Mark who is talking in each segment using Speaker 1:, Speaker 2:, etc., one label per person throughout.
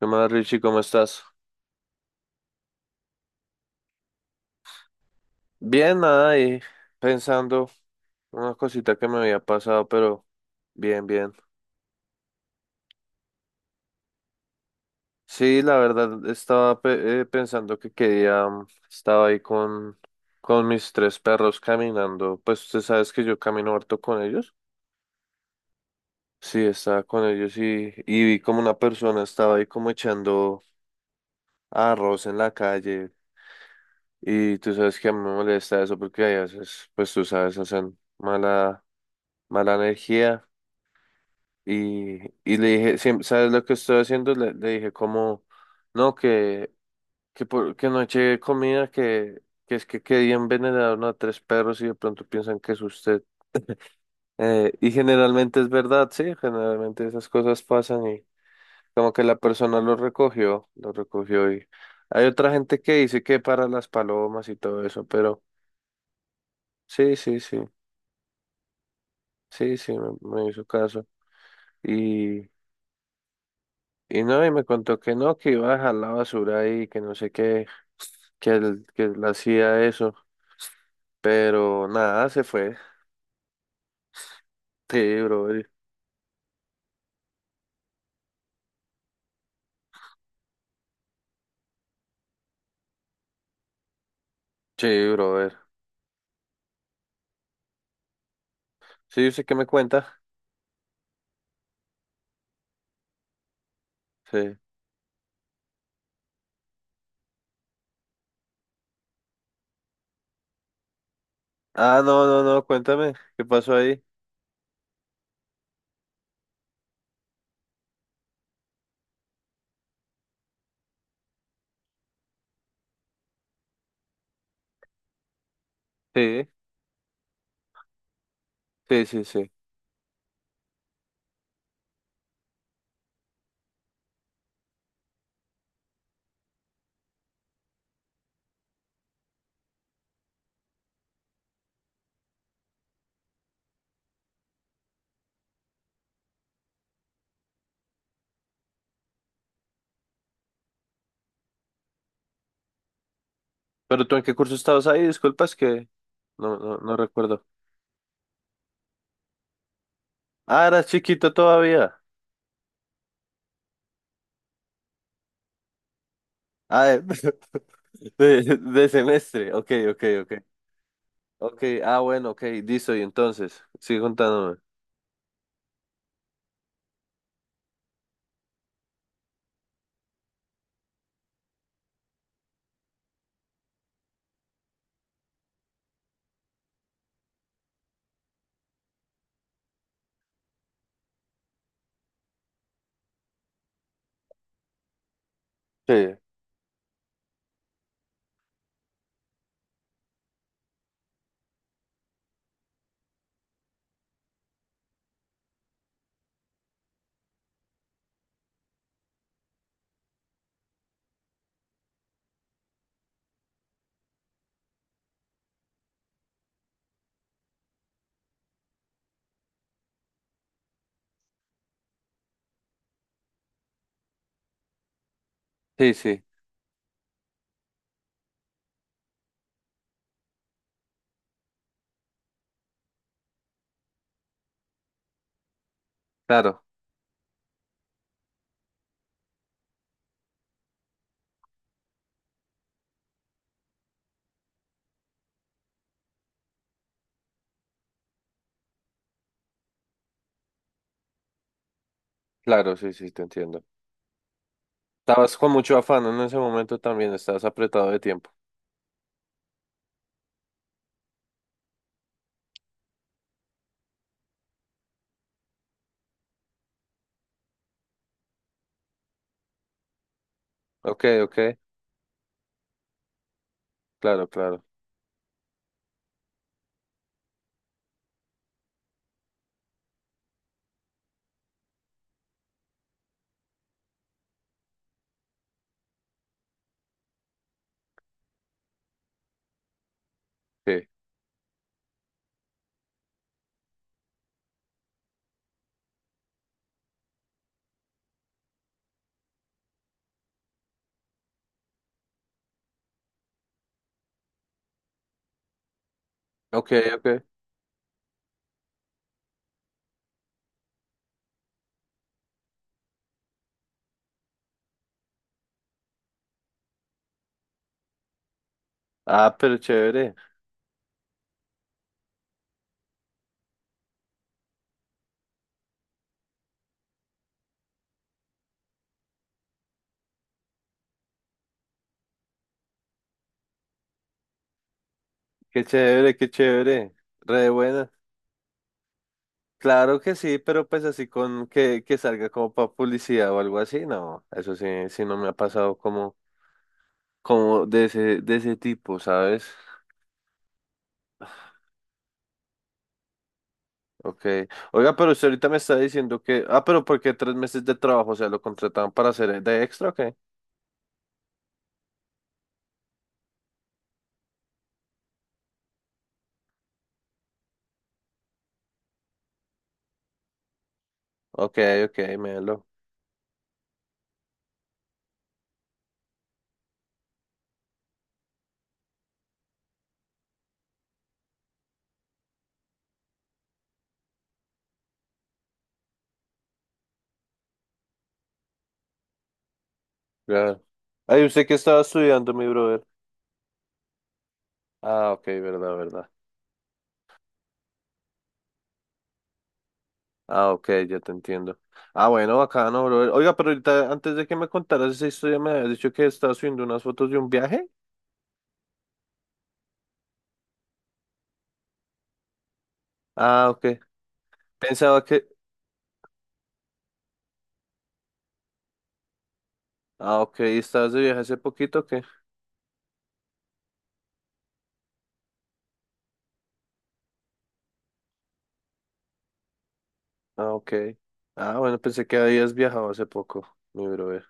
Speaker 1: ¿Qué más, Richie? ¿Cómo estás? Bien, nada, y pensando una cosita que me había pasado, pero bien, bien. Sí, la verdad, estaba pensando que quería, estaba ahí con mis tres perros caminando, pues usted sabes que yo camino harto con ellos. Sí, estaba con ellos y vi como una persona estaba ahí como echando arroz en la calle y tú sabes que a mí me molesta eso porque a veces, pues tú sabes, hacen mala, mala energía. Y, y le dije, ¿Sabes lo que estoy haciendo?" Le dije como, no, que no eché comida, que es que quería envenenar a tres perros y de pronto piensan que es usted. Y generalmente es verdad, sí, generalmente esas cosas pasan y como que la persona lo recogió y hay otra gente que dice que para las palomas y todo eso, pero sí, sí, sí, sí, sí, me hizo caso. Y, y no, y me contó que no, que iba a dejar la basura ahí, que no sé qué, que él hacía eso, pero nada, se fue. Sí, brother. Sí, brother. Sí, ¿usted qué me cuenta? Sí. Ah, no, no, no, cuéntame, ¿qué pasó ahí? Sí, sí, sí, sí. ¿Pero tú en qué curso estabas ahí? Disculpas que no, no, no recuerdo. Ah, eras chiquito todavía. Ah, de semestre. Ok, ok, ok. Ok, ah, bueno, ok, listo, y entonces, sigue contándome. Sí, sí, sí, claro, claro, sí, sí, te entiendo. Estabas con mucho afán en ese momento también, estabas apretado de tiempo. Ok, ok, claro, claro. Sí. Ok, ok. Ah, pero chévere, qué chévere, qué chévere. Re de buena. Claro que sí, pero pues así con que salga como para publicidad o algo así, no. Eso sí, sí no me ha pasado como de ese tipo, ¿sabes? Ok. Oiga, pero usted ahorita me está diciendo que. ¿Ah, pero porque 3 meses de trabajo? O sea, ¿lo contrataban para hacer de extra o qué? Ok, ok, me. Claro. Ay, ¿usted qué estaba estudiando, mi brother? Ah, ok, verdad, verdad. Ah, ok, ya te entiendo. Ah, bueno, bacano, brother. Oiga, pero ahorita, antes de que me contaras esa historia, me habías dicho que estabas subiendo unas fotos de un viaje. Ah, ok. Pensaba que. Ah, ok, ¿y estabas de viaje hace poquito o qué? Ah, ok. Ah, bueno, pensé que habías viajado hace poco, mi brother.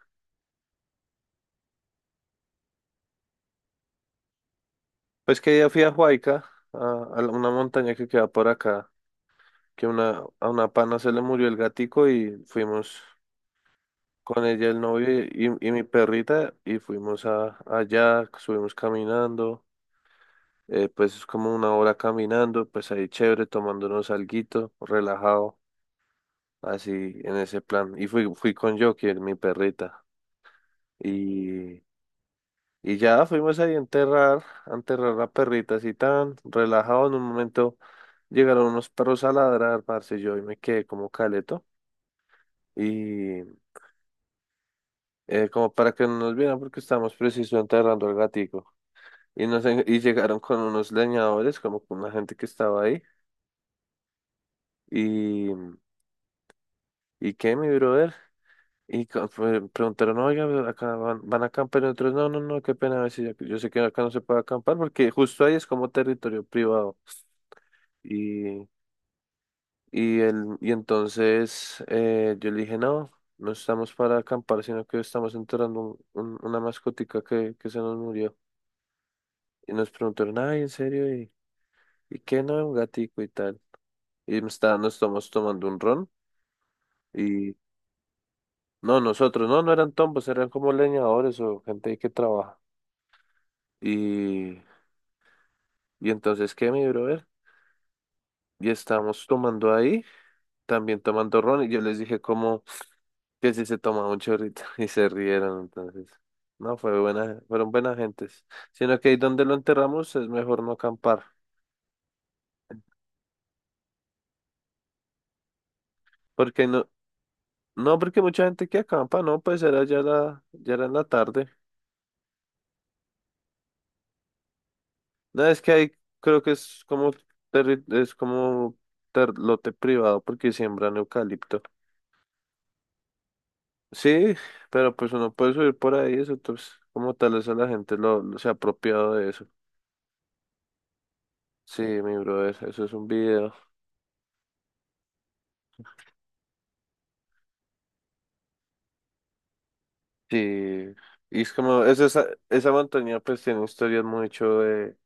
Speaker 1: Pues que ya fui a Huayca, a, a una montaña que queda por acá, que a una pana se le murió el gatico y fuimos. Con ella, el novio y mi perrita y fuimos allá, subimos caminando, pues es como una hora caminando, pues ahí chévere, tomándonos alguito, relajado, así en ese plan. Y fui con Joker, mi perrita, y, y ya fuimos ahí a enterrar, la perrita así tan relajado en un momento. Llegaron unos perros a ladrar, parce, yo y me quedé como caleto y como para que no nos vieran porque estábamos preciso enterrando al gatico. Y llegaron con unos leñadores, como con la gente que estaba ahí. Y, ¿Y qué, mi brother? Y preguntaron, oiga, pero acá van a acampar. Y otros, no, no, no, qué pena. A ver si ya- Yo sé que acá no se puede acampar porque justo ahí es como territorio privado. Y, y entonces yo le dije, no, no estamos para acampar, sino que estamos enterrando una mascotica que se nos murió. Y nos preguntaron, ay, ¿en serio? ¿Y qué no? Un gatico y tal. Y nos estamos tomando un ron. Y no, nosotros, no, no eran tombos, eran como leñadores o gente que trabaja. Y, y entonces, ¿qué, mi brother? Y estábamos tomando ahí, también tomando ron, y yo les dije como que si se tomaba un chorrito, y se rieron, entonces. No, fue buena, fueron buenas gentes. Sino que ahí donde lo enterramos es mejor no acampar. Porque no, no, porque mucha gente que acampa, no, pues era ya ya era en la tarde. No, es que ahí creo que es como, es como lote privado porque siembran eucalipto. Sí, pero pues uno puede subir por ahí, eso pues como tal eso la gente se ha apropiado de eso. Sí, mi brother, eso es un video. Sí, y es como, esa montaña pues tiene historias mucho de,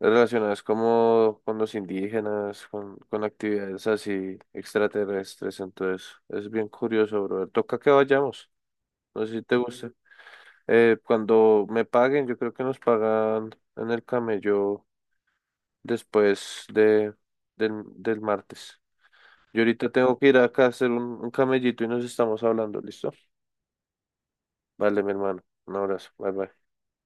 Speaker 1: relacionadas como con los indígenas, con actividades así extraterrestres, entonces es bien curioso, brother. Toca que vayamos, no sé si te gusta. Cuando me paguen, yo creo que nos pagan en el camello después del martes. Yo ahorita tengo que ir acá a hacer un camellito y nos estamos hablando, ¿listo? Vale, mi hermano. Un abrazo. Bye bye.